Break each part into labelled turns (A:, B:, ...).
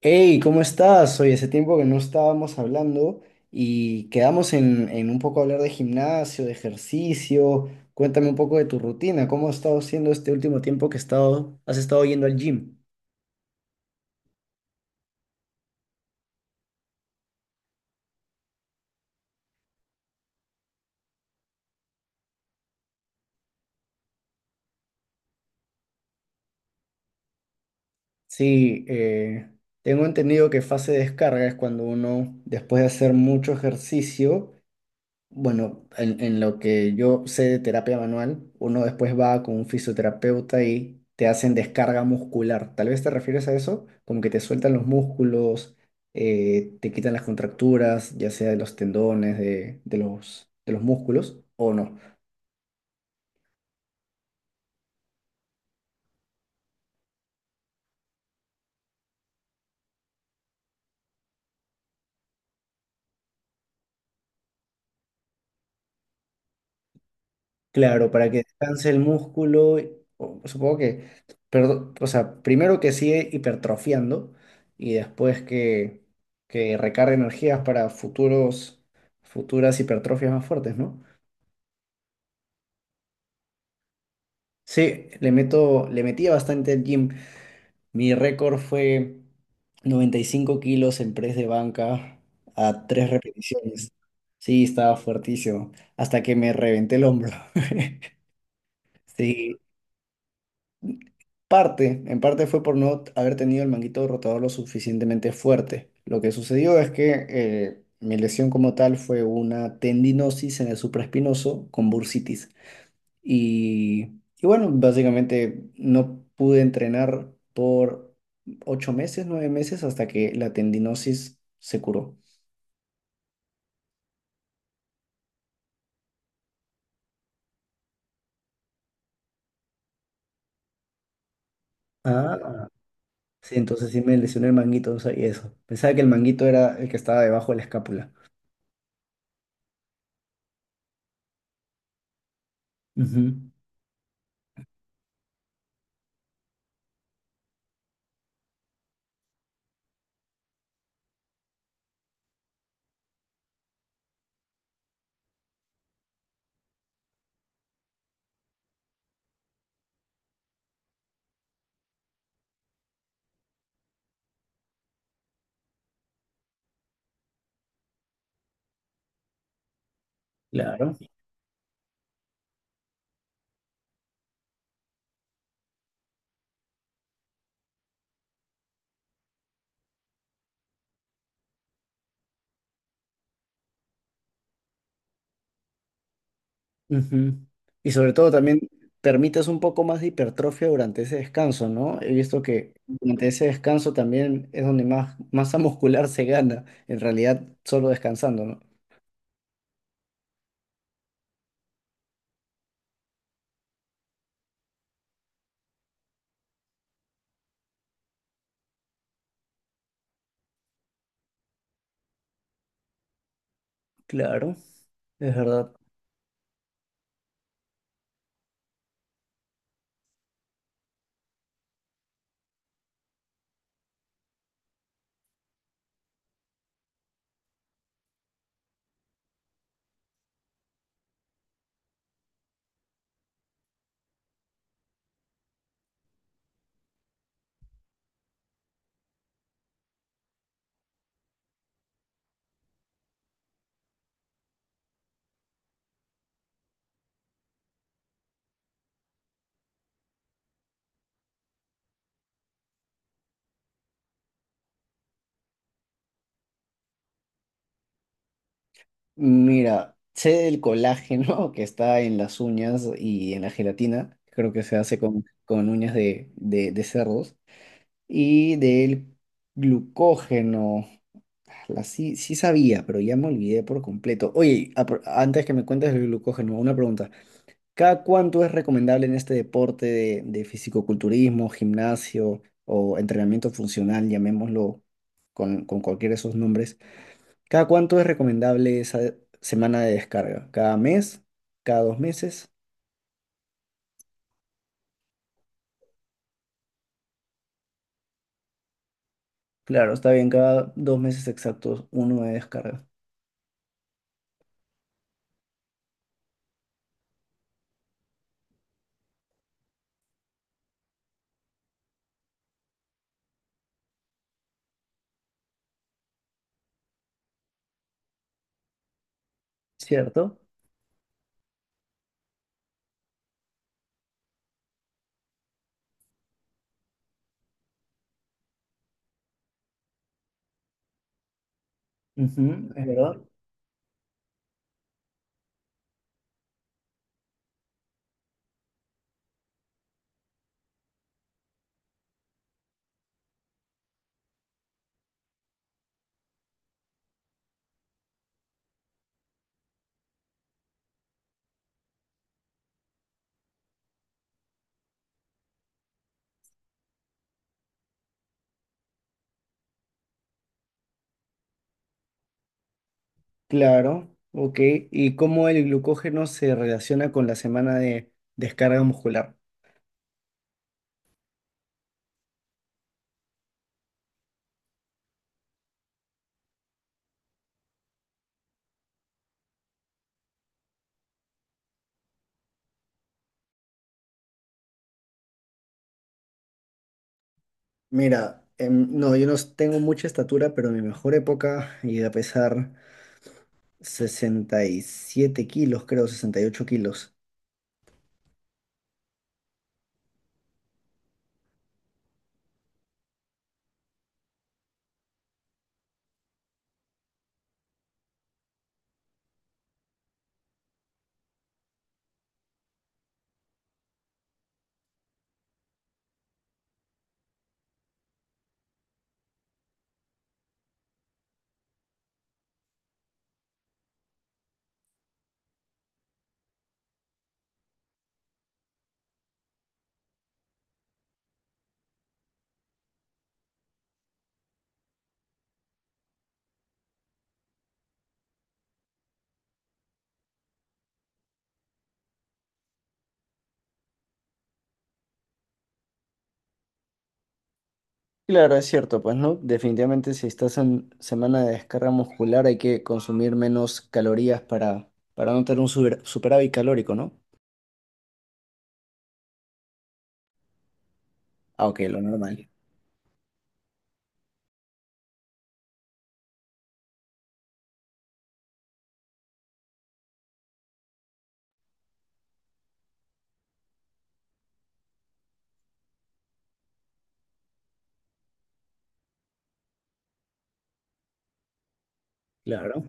A: Hey, ¿cómo estás? Hoy hace tiempo que no estábamos hablando y quedamos en un poco hablar de gimnasio, de ejercicio. Cuéntame un poco de tu rutina, ¿cómo has estado siendo este último tiempo que has estado yendo al gym? Sí, tengo entendido que fase de descarga es cuando uno, después de hacer mucho ejercicio, bueno, en lo que yo sé de terapia manual, uno después va con un fisioterapeuta y te hacen descarga muscular. Tal vez te refieres a eso, como que te sueltan los músculos, te quitan las contracturas, ya sea de los tendones, de los músculos, o no. Claro, para que descanse el músculo, supongo que, o sea, primero que sigue hipertrofiando y después que recargue energías para futuras hipertrofias más fuertes, ¿no? Sí, le metía bastante al gym. Mi récord fue 95 kilos en press de banca a 3 repeticiones. Sí, estaba fuertísimo, hasta que me reventé el hombro. Sí. Parte, en parte fue por no haber tenido el manguito rotador lo suficientemente fuerte. Lo que sucedió es que mi lesión como tal fue una tendinosis en el supraespinoso con bursitis. Y bueno, básicamente no pude entrenar por 9 meses hasta que la tendinosis se curó. Ah. Sí, entonces sí me lesioné el manguito, no sabía eso. Pensaba que el manguito era el que estaba debajo de la escápula. Ujú. Claro. Ujú. Y sobre todo también permites un poco más de hipertrofia durante ese descanso, ¿no? He visto que durante ese descanso también es donde más masa muscular se gana, en realidad solo descansando, ¿no? Claro, es verdad. Mira, sé del colágeno que está en las uñas y en la gelatina, creo que se hace con uñas de cerdos. Y del glucógeno. La sí, sí sabía, pero ya me olvidé por completo. Oye, antes que me cuentes del glucógeno, una pregunta. ¿Cada cuánto es recomendable en este deporte de fisicoculturismo, gimnasio o entrenamiento funcional, llamémoslo con cualquiera de esos nombres? ¿Cada cuánto es recomendable esa semana de descarga? ¿Cada mes? ¿Cada dos meses? Claro, está bien, cada dos meses exactos uno de descarga, ¿cierto? Ujú, es verdad. Claro, ok. ¿Y cómo el glucógeno se relaciona con la semana de descarga muscular? Mira, no, yo no s- tengo mucha estatura, pero mi mejor época llegué a pesar 67 kilos, creo, 68 kilos. Claro, es cierto, pues no, definitivamente si estás en semana de descarga muscular hay que consumir menos calorías para no tener un superávit calórico, ¿no? Ah, ok, lo normal. Claro.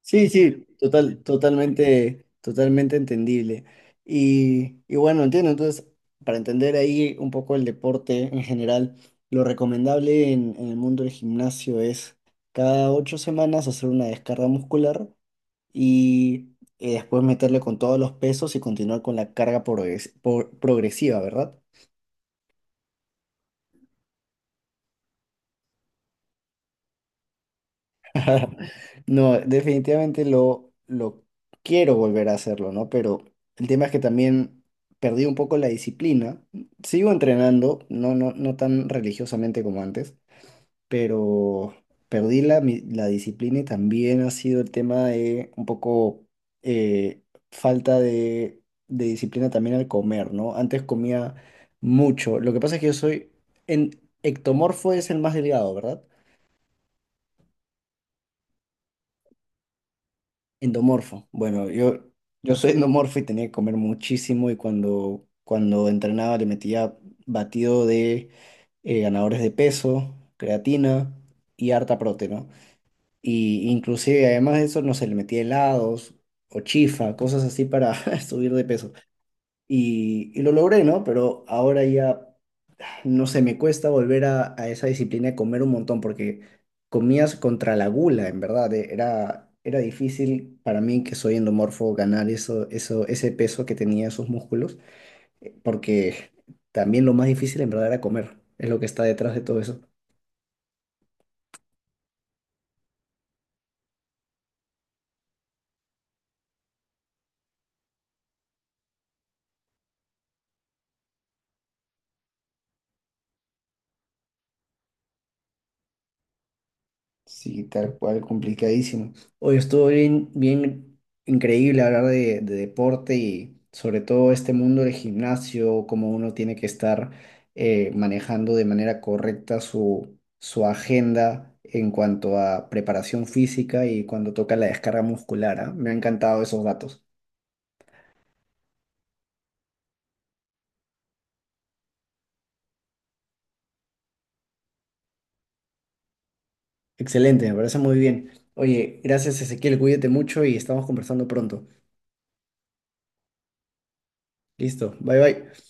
A: Sí, sí, totalmente, totalmente entendible. Y bueno, entiendo, entonces, para entender ahí un poco el deporte en general, lo recomendable en el mundo del gimnasio es cada 8 semanas hacer una descarga muscular y después meterle con todos los pesos y continuar con la carga progresiva, ¿verdad? No, definitivamente lo quiero volver a hacerlo, ¿no? Pero el tema es que también perdí un poco la disciplina. Sigo entrenando, no tan religiosamente como antes, pero perdí la disciplina y también ha sido el tema de un poco eh, falta de disciplina también al comer, ¿no? Antes comía mucho. Lo que pasa es que yo soy, en ectomorfo es el más delgado, ¿verdad? Endomorfo. Bueno, yo soy endomorfo y tenía que comer muchísimo y cuando entrenaba le metía batido de ganadores de peso, creatina y harta proteína, ¿no? Y inclusive además de eso, no sé, le metía helados o chifa, cosas así para subir de peso. Y lo logré, ¿no? Pero ahora ya no sé, me cuesta volver a esa disciplina de comer un montón porque comías contra la gula, en verdad. Era, era difícil para mí, que soy endomorfo, ganar ese peso que tenía esos músculos, porque también lo más difícil en verdad era comer, es lo que está detrás de todo eso. Sí, tal cual, complicadísimo. Hoy estuvo bien, bien increíble hablar de deporte y sobre todo este mundo del gimnasio, cómo uno tiene que estar manejando de manera correcta su, su agenda en cuanto a preparación física y cuando toca la descarga muscular, ¿ah? Me han encantado esos datos. Excelente, me parece muy bien. Oye, gracias, Ezequiel, cuídate mucho y estamos conversando pronto. Listo, bye bye.